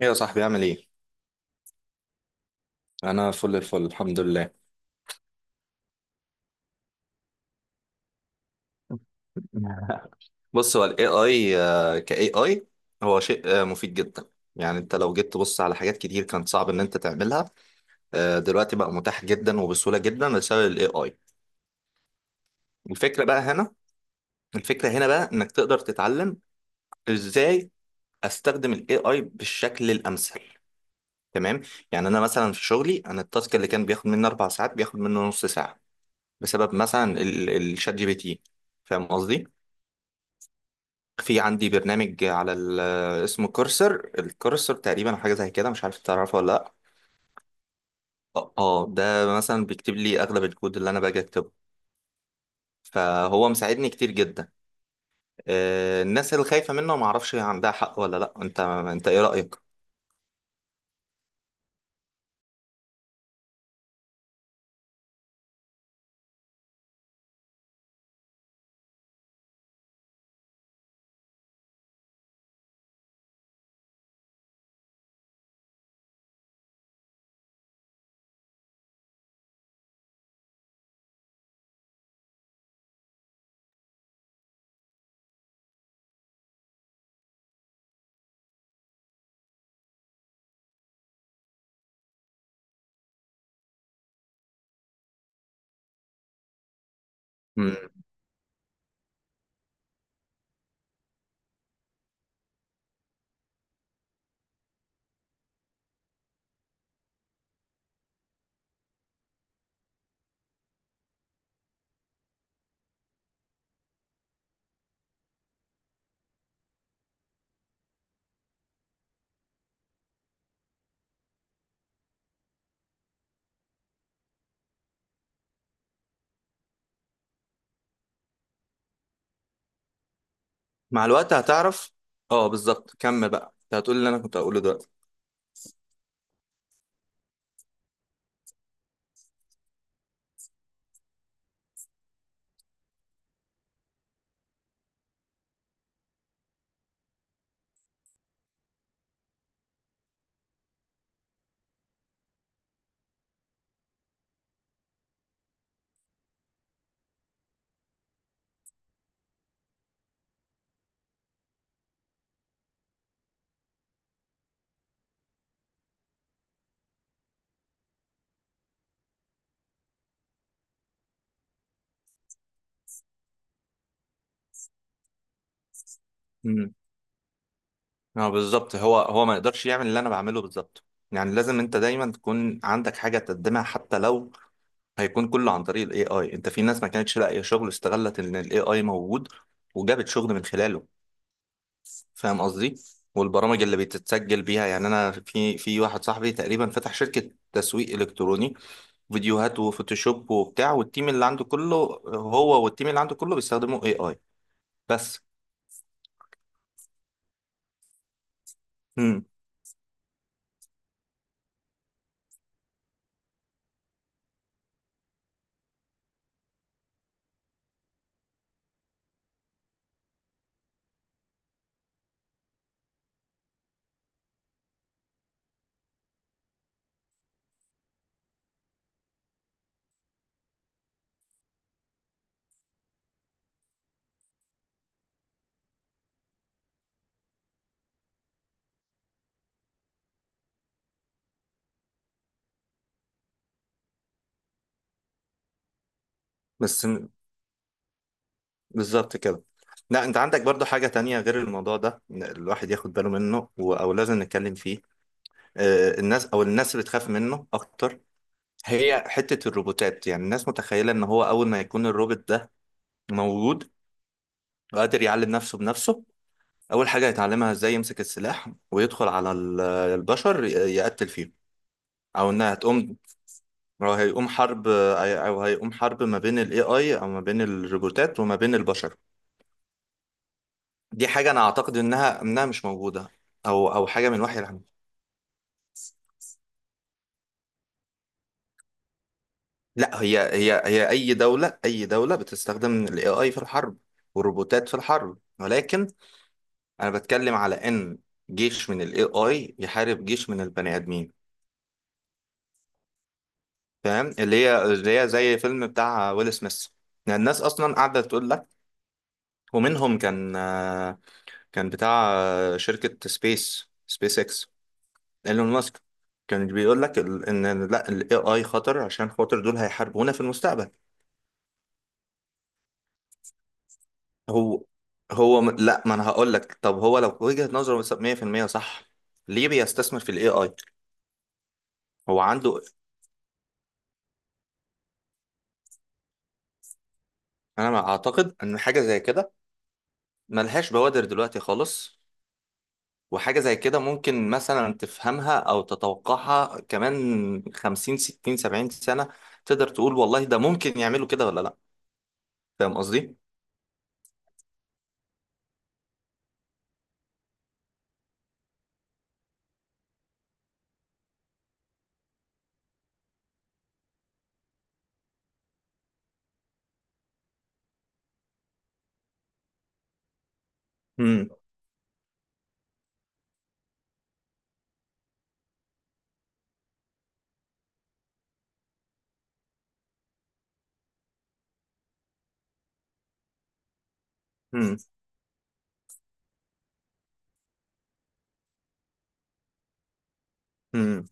ايه يا صاحبي، عامل ايه؟ انا فل الفل، الحمد لله. بص، هو ال AI ك AI هو شيء مفيد جدا. يعني انت لو جيت تبص على حاجات كتير كانت صعب ان انت تعملها. دلوقتي بقى متاح جدا وبسهولة جدا بسبب ال AI. الفكرة بقى هنا الفكرة هنا بقى انك تقدر تتعلم ازاي استخدم ال AI بالشكل الامثل. تمام. يعني انا مثلا في شغلي، انا التاسك اللي كان بياخد مني 4 ساعات بياخد منه نص ساعة، بسبب مثلا الشات جي بي تي. فاهم قصدي؟ في عندي برنامج على اسمه كورسر. الكورسر تقريبا حاجة زي كده، مش عارف تعرفه ولا لأ. ده مثلا بيكتب لي أغلب الكود اللي أنا باجي أكتبه، فهو مساعدني كتير جدا. الناس اللي خايفة منه، ما أعرفش هي عندها حق ولا لأ. أنت إيه رأيك؟ مم. مع الوقت هتعرف. اه بالظبط، كمل بقى. أنت هتقول اللي أنا كنت هقوله دلوقتي. مم. اه بالظبط، هو ما يقدرش يعمل اللي أنا بعمله بالظبط. يعني لازم أنت دايما تكون عندك حاجة تقدمها، حتى لو هيكون كله عن طريق الاي اي. انت في ناس ما كانتش لاقيه شغل، استغلت ان الاي اي موجود وجابت شغل من خلاله. فاهم قصدي. والبرامج اللي بتتسجل بيها، يعني انا في واحد صاحبي تقريبا فتح شركه تسويق الكتروني، فيديوهات وفوتوشوب وبتاع، والتيم اللي عنده كله، هو والتيم اللي عنده كله بيستخدموا اي اي بس. امم. بس م- بالظبط كده. لا، انت عندك برضو حاجه تانية غير الموضوع ده، إن الواحد ياخد باله منه او لازم نتكلم فيه. الناس بتخاف منه اكتر، هي حتة الروبوتات. يعني الناس متخيلة ان هو اول ما يكون الروبوت ده موجود وقادر يعلم نفسه بنفسه، اول حاجة هيتعلمها ازاي يمسك السلاح ويدخل على البشر يقتل فيهم. او انها هتقوم او هيقوم حرب او هيقوم حرب ما بين الاي اي، او ما بين الروبوتات وما بين البشر. دي حاجة انا اعتقد انها مش موجودة، او حاجة من وحي العلم. لا، هي اي دولة بتستخدم الاي اي في الحرب والروبوتات في الحرب، ولكن انا بتكلم على ان جيش من الاي اي يحارب جيش من البني ادمين. فاهم، اللي هي زي فيلم بتاع ويل سميث. يعني الناس اصلا قاعده تقول لك، ومنهم كان كان بتاع شركه سبيس اكس، ايلون ماسك. كان بيقول لك ان لا، الاي اي خطر عشان خاطر دول هيحاربونا في المستقبل. هو هو م- لا ما انا هقول لك، طب هو لو وجهه نظره 100% صح، ليه بيستثمر في الاي اي؟ هو عنده. انا ما اعتقد ان حاجه زي كده، ملهاش بوادر دلوقتي خالص. وحاجة زي كده ممكن مثلا تفهمها أو تتوقعها كمان 50 60 70 سنة، تقدر تقول والله ده ممكن يعملوا كده ولا لأ. فاهم قصدي؟ مم. مم. مم.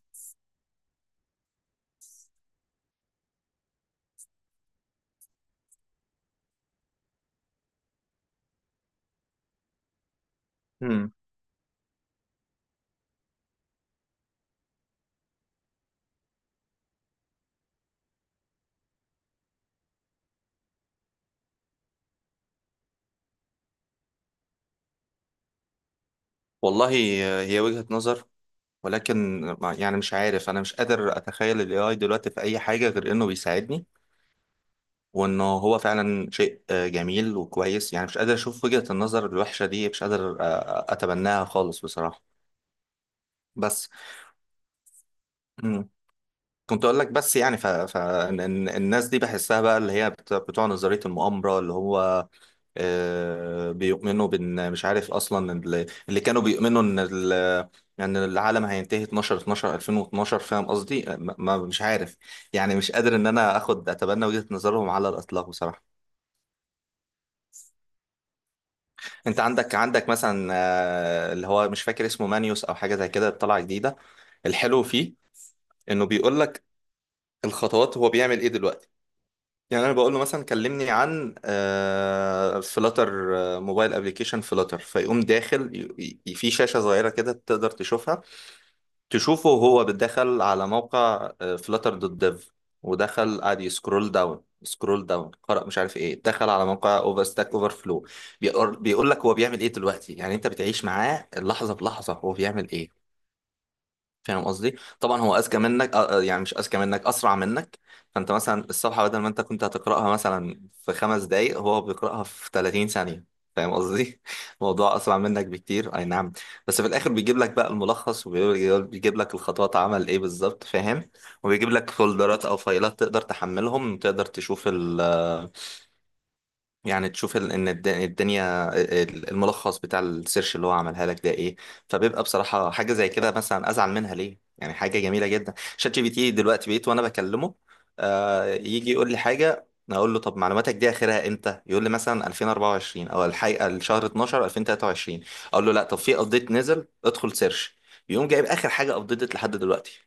مم. والله، هي وجهة نظر، ولكن يعني مش عارف، أنا مش قادر أتخيل ال AI دلوقتي في أي حاجة غير إنه بيساعدني، وإنه هو فعلا شيء جميل وكويس. يعني مش قادر أشوف وجهة النظر الوحشة دي، مش قادر أتبناها خالص بصراحة. بس كنت اقول لك بس، يعني الناس دي بحسها بقى، اللي هي بتوع نظرية المؤامرة، اللي هو بيؤمنوا بان، مش عارف اصلا، اللي كانوا بيؤمنوا ان العالم هينتهي 12 12 2012. فاهم قصدي؟ ما... ما مش عارف، يعني مش قادر ان انا اخد اتبنى وجهة نظرهم على الاطلاق بصراحة. انت عندك مثلا اللي هو مش فاكر اسمه، مانيوس او حاجة زي كده، طلع جديدة. الحلو فيه انه بيقول لك الخطوات، هو بيعمل ايه دلوقتي. يعني انا بقول له مثلا، كلمني عن آه فلاتر، آه موبايل ابلكيشن فلاتر، فيقوم داخل في شاشه صغيره كده تقدر تشوفها، تشوفه وهو بتدخل على موقع فلاتر دوت ديف، ودخل قعد يسكرول داون سكرول داون، قرأ مش عارف ايه، دخل على موقع اوفر فلو، بيقول لك هو بيعمل ايه دلوقتي. يعني انت بتعيش معاه لحظه بلحظه، هو بيعمل ايه. فاهم قصدي. طبعا هو اذكى منك، يعني مش اذكى منك، اسرع منك. فانت مثلا الصفحه، بدل ما انت كنت هتقراها مثلا في 5 دقايق، هو بيقراها في 30 ثانيه. فاهم قصدي؟ الموضوع اسرع منك بكتير، اي نعم. بس في الاخر بيجيب لك بقى الملخص، وبيجيب لك الخطوات، عمل ايه بالظبط. فاهم. وبيجيب لك فولدرات او فايلات تقدر تحملهم وتقدر تشوف، يعني تشوف الدنيا، الملخص بتاع السيرش اللي هو عملها لك ده ايه. فبيبقى بصراحة حاجة زي كده مثلا، ازعل منها ليه؟ يعني حاجة جميلة جدا. شات جي بي تي دلوقتي بقيت وانا بكلمه يجي يقول لي حاجة، اقول له طب معلوماتك دي اخرها امتى، يقول لي مثلا 2024 او الحقيقة الشهر 12 2023. اقول له لا، طب في ابديت نزل، ادخل سيرش. يقوم جايب اخر حاجة ابديتت لحد دلوقتي.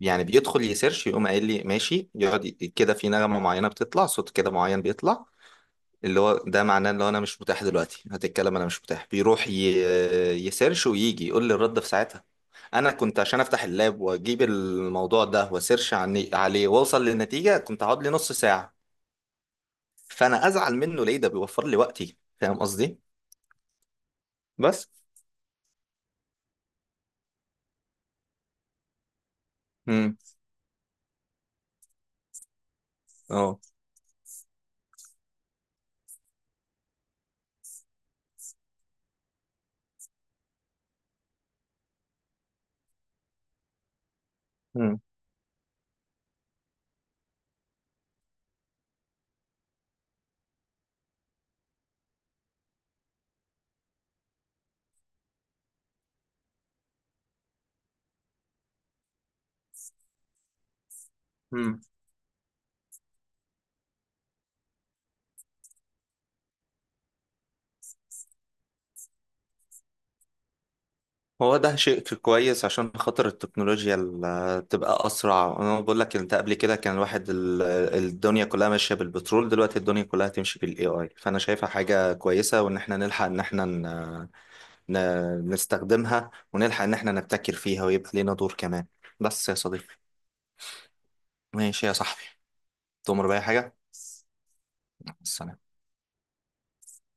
يعني بيدخل يسيرش، يقوم قايل لي ماشي، يقعد كده، في نغمة معينة بتطلع، صوت كده معين بيطلع، اللي هو ده معناه اللي هو، انا مش متاح دلوقتي، هتتكلم انا مش متاح، بيروح يسيرش ويجي يقول لي الرد في ساعتها. انا كنت عشان افتح اللاب واجيب الموضوع ده واسيرش عليه واوصل للنتيجه كنت هقعد لي نص ساعه. فانا ازعل منه ليه؟ ده بيوفر لي وقتي. فاهم قصدي. بس. امم. اه. امم. هو ده شيء كويس عشان خاطر التكنولوجيا تبقى أسرع. أنا بقول لك، أنت قبل كده كان الواحد الدنيا كلها ماشية بالبترول، دلوقتي الدنيا كلها تمشي بالاي اي. فأنا شايفها حاجة كويسة، وإن إحنا نلحق إن إحنا نستخدمها، ونلحق إن إحنا نبتكر فيها ويبقى لينا دور كمان. بس يا صديقي. ماشي يا صحبي. تؤمر بأي حاجة. السلام.